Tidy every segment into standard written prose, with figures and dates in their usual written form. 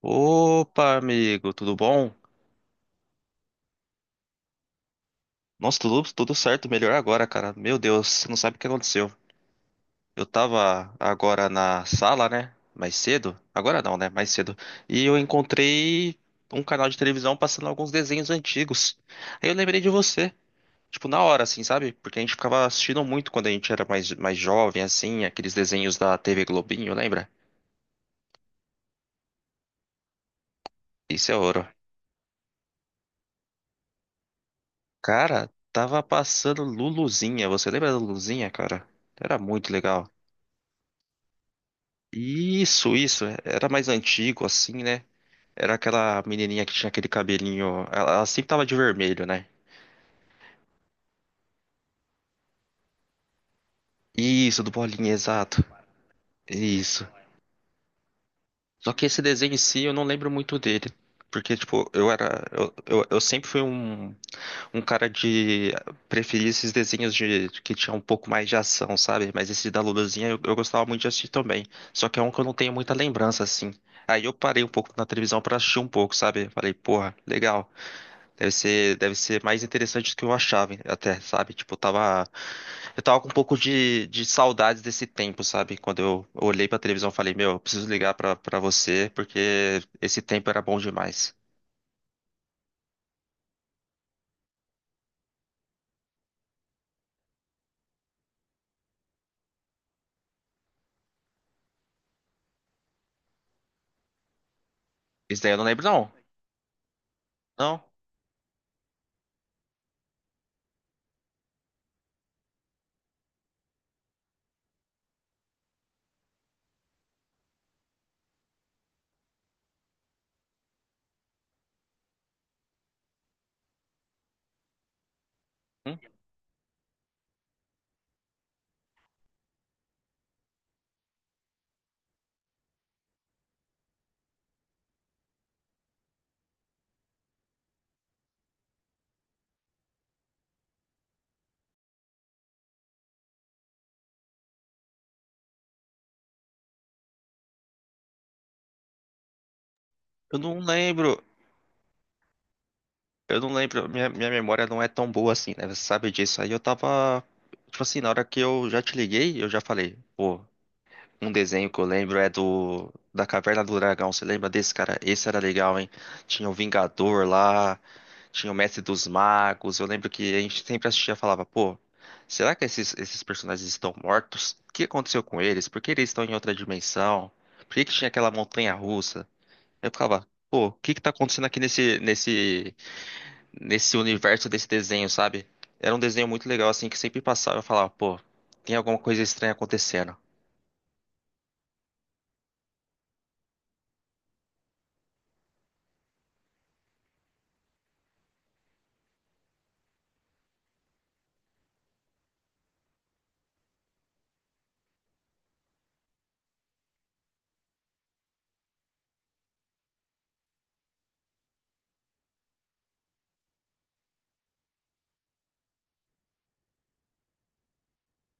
Opa, amigo, tudo bom? Nossa, tudo certo, melhor agora, cara. Meu Deus, você não sabe o que aconteceu. Eu tava agora na sala, né? Mais cedo. Agora não, né? Mais cedo. E eu encontrei um canal de televisão passando alguns desenhos antigos. Aí eu lembrei de você. Tipo, na hora, assim, sabe? Porque a gente ficava assistindo muito quando a gente era mais jovem, assim, aqueles desenhos da TV Globinho, lembra? Isso é ouro. Cara, tava passando Luluzinha. Você lembra da Luluzinha, cara? Era muito legal. Isso, isso. Era mais antigo, assim, né? Era aquela menininha que tinha aquele cabelinho. Ela sempre tava de vermelho, né? Isso, do Bolinha, exato. Isso. Só que esse desenho em si eu não lembro muito dele. Porque, tipo, eu era. Eu sempre fui um, um cara de preferir esses desenhos de, que tinha um pouco mais de ação, sabe? Mas esse da Luluzinha eu gostava muito de assistir também. Só que é um que eu não tenho muita lembrança, assim. Aí eu parei um pouco na televisão pra assistir um pouco, sabe? Falei, porra, legal. Deve ser mais interessante do que eu achava, até, sabe? Tipo, eu tava com um pouco de saudades desse tempo, sabe? Quando eu olhei pra televisão, eu falei, meu, eu preciso ligar pra, pra você, porque esse tempo era bom demais. Isso daí eu não lembro, não. Não? Hum? Eu não lembro. Eu não lembro. Minha memória não é tão boa assim, né? Você sabe disso. Aí eu tava, tipo assim, na hora que eu já te liguei, eu já falei, pô, um desenho que eu lembro é do da Caverna do Dragão. Você lembra desse, cara? Esse era legal, hein? Tinha o Vingador lá, tinha o Mestre dos Magos. Eu lembro que a gente sempre assistia e falava, pô, será que esses personagens estão mortos? O que aconteceu com eles? Por que eles estão em outra dimensão? Por que que tinha aquela montanha russa? Eu ficava, pô, o que que tá acontecendo aqui nesse universo desse desenho, sabe? Era um desenho muito legal assim que sempre passava e eu falava, pô, tem alguma coisa estranha acontecendo.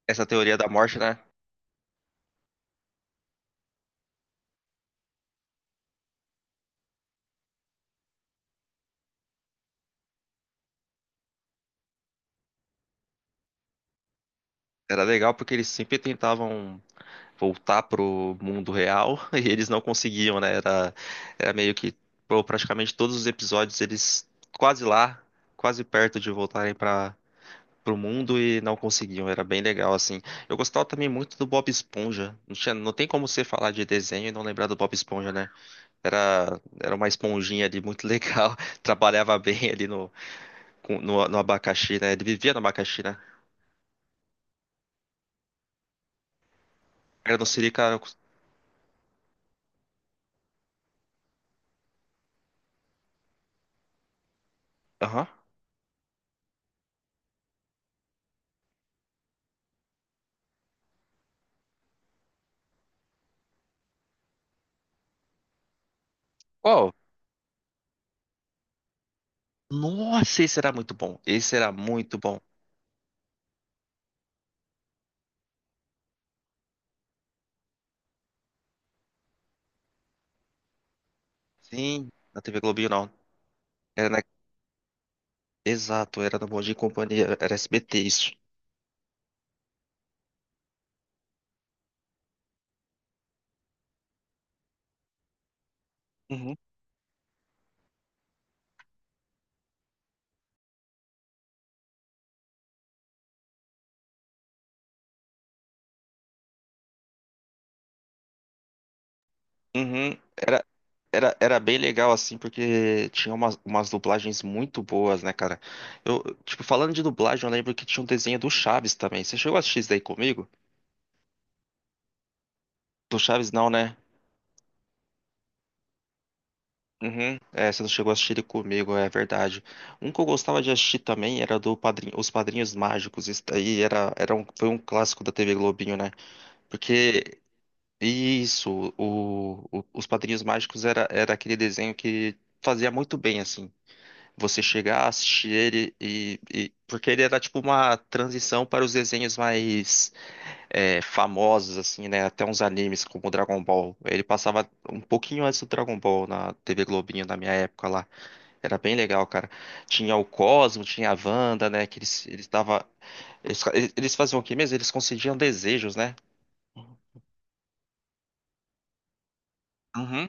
Essa teoria da morte, né? Era legal porque eles sempre tentavam voltar pro mundo real e eles não conseguiam, né? Era, era meio que, pô, praticamente todos os episódios eles quase lá, quase perto de voltarem para pro mundo e não conseguiam. Era bem legal, assim. Eu gostava também muito do Bob Esponja. Não tinha, não tem como você falar de desenho e não lembrar do Bob Esponja, né? Era, era uma esponjinha ali muito legal. Trabalhava bem ali no abacaxi, né? Ele vivia no abacaxi, né? Era no Sirica. Aham. Qual? Nossa, esse era muito bom. Esse era muito bom. Sim, na TV Globinho não. Era na... Exato, era no Bom Dia e Companhia, era SBT isso. Uhum, uhum. Era bem legal assim, porque tinha umas, umas dublagens muito boas, né, cara? Eu, tipo, falando de dublagem, eu lembro que tinha um desenho do Chaves também. Você chegou a assistir isso daí comigo? Do Chaves não, né? Uhum. É, você não chegou a assistir ele comigo, é verdade. Um que eu gostava de assistir também era do Padrinho, Os Padrinhos Mágicos. Isso daí era, era um, foi um clássico da TV Globinho, né? Porque isso, o- os Padrinhos Mágicos era, era aquele desenho que fazia muito bem, assim. Você chegar, assistir ele e- porque ele era tipo uma transição para os desenhos mais é, famosos, assim, né? Até uns animes como Dragon Ball. Ele passava um pouquinho antes do Dragon Ball na TV Globinho, na minha época lá. Era bem legal, cara. Tinha o Cosmo, tinha a Wanda, né? Que eles, tava, eles, eles faziam o quê mesmo? Eles concediam desejos, né? Uhum.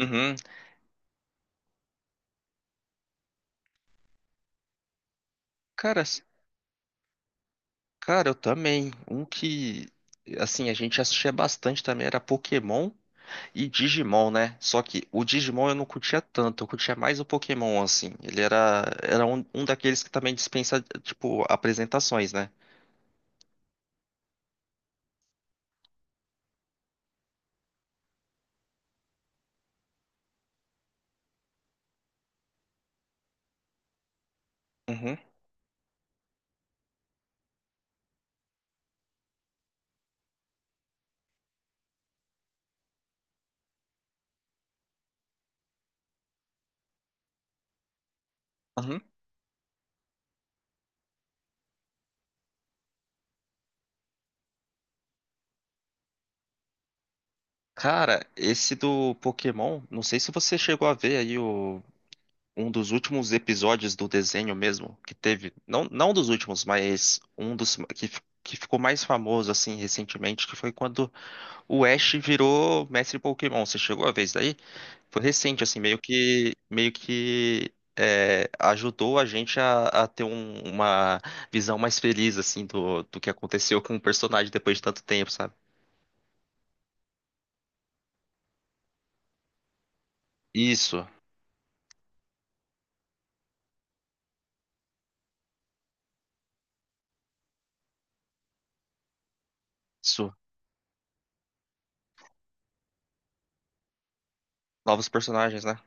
Uhum. Cara, s- cara, eu também. Um que, assim, a gente assistia bastante também era Pokémon e Digimon, né? Só que o Digimon eu não curtia tanto, eu curtia mais o Pokémon, assim. Ele era, era um, um daqueles que também dispensa, tipo, apresentações, né? Uhum, uhum. Cara, esse do Pokémon, não sei se você chegou a ver aí um dos últimos episódios do desenho mesmo, que teve, não, não dos últimos, mas um dos que, fi- que ficou mais famoso assim recentemente, que foi quando o Ash virou mestre Pokémon. Você chegou a ver isso daí? Foi recente assim, meio que é, ajudou a gente a ter um- uma visão mais feliz assim do, do que aconteceu com o personagem depois de tanto tempo, sabe? Isso, isso. Novos personagens, né?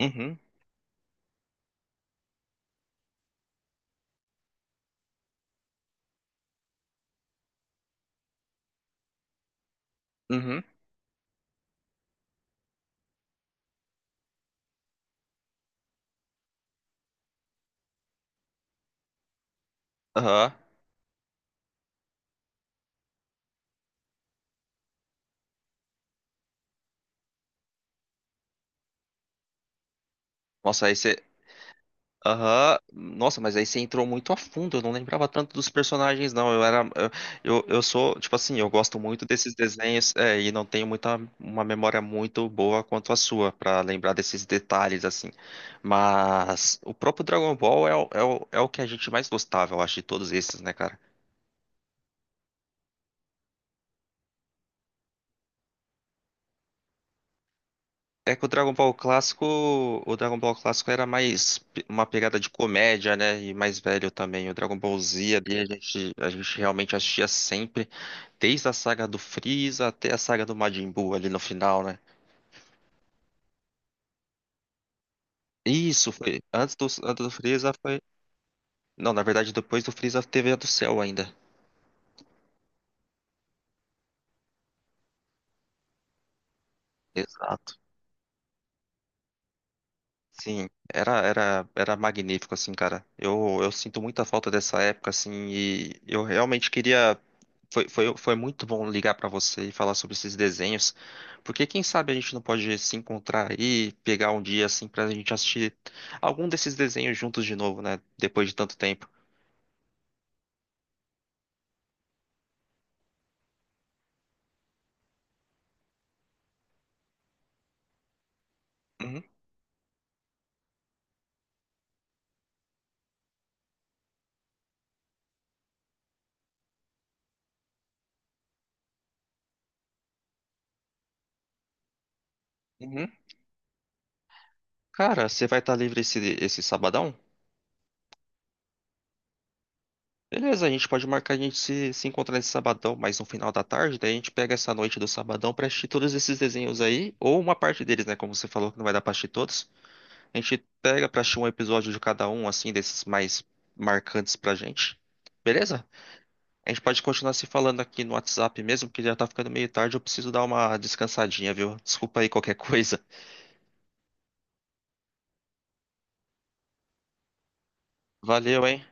Uhum, uhum, aham. Nossa, aí aham, nossa, mas aí você entrou muito a fundo. Eu não lembrava tanto dos personagens, não. Eu era, eu sou, tipo assim, eu gosto muito desses desenhos, é, e não tenho muita, uma memória muito boa quanto a sua pra lembrar desses detalhes, assim. Mas o próprio Dragon Ball é, o- é, o- é o que a gente mais gostava, eu acho, de todos esses, né, cara? É que o Dragon Ball clássico, o Dragon Ball clássico era mais pe- uma pegada de comédia, né? E mais velho também. O Dragon Ball Z ali a gente realmente assistia sempre. Desde a saga do Freeza até a saga do Majin Buu ali no final, né? Isso, foi. Antes do Freeza foi. Não, na verdade, depois do Freeza teve a do Cell ainda. Exato. Sim, era magnífico, assim, cara. Eu sinto muita falta dessa época, assim, e eu realmente queria. Foi muito bom ligar pra você e falar sobre esses desenhos, porque quem sabe a gente não pode se encontrar aí, pegar um dia, assim, pra gente assistir algum desses desenhos juntos de novo, né? Depois de tanto tempo. Uhum, uhum. Cara, você vai estar livre esse sabadão? Beleza, a gente pode marcar a gente se encontrar nesse sabadão, mas no final da tarde, daí a gente pega essa noite do sabadão pra assistir todos esses desenhos aí, ou uma parte deles, né? Como você falou que não vai dar pra assistir todos. A gente pega pra assistir um episódio de cada um, assim, desses mais marcantes pra gente. Beleza? A gente pode continuar se falando aqui no WhatsApp mesmo, porque já tá ficando meio tarde, eu preciso dar uma descansadinha, viu? Desculpa aí qualquer coisa. Valeu, hein?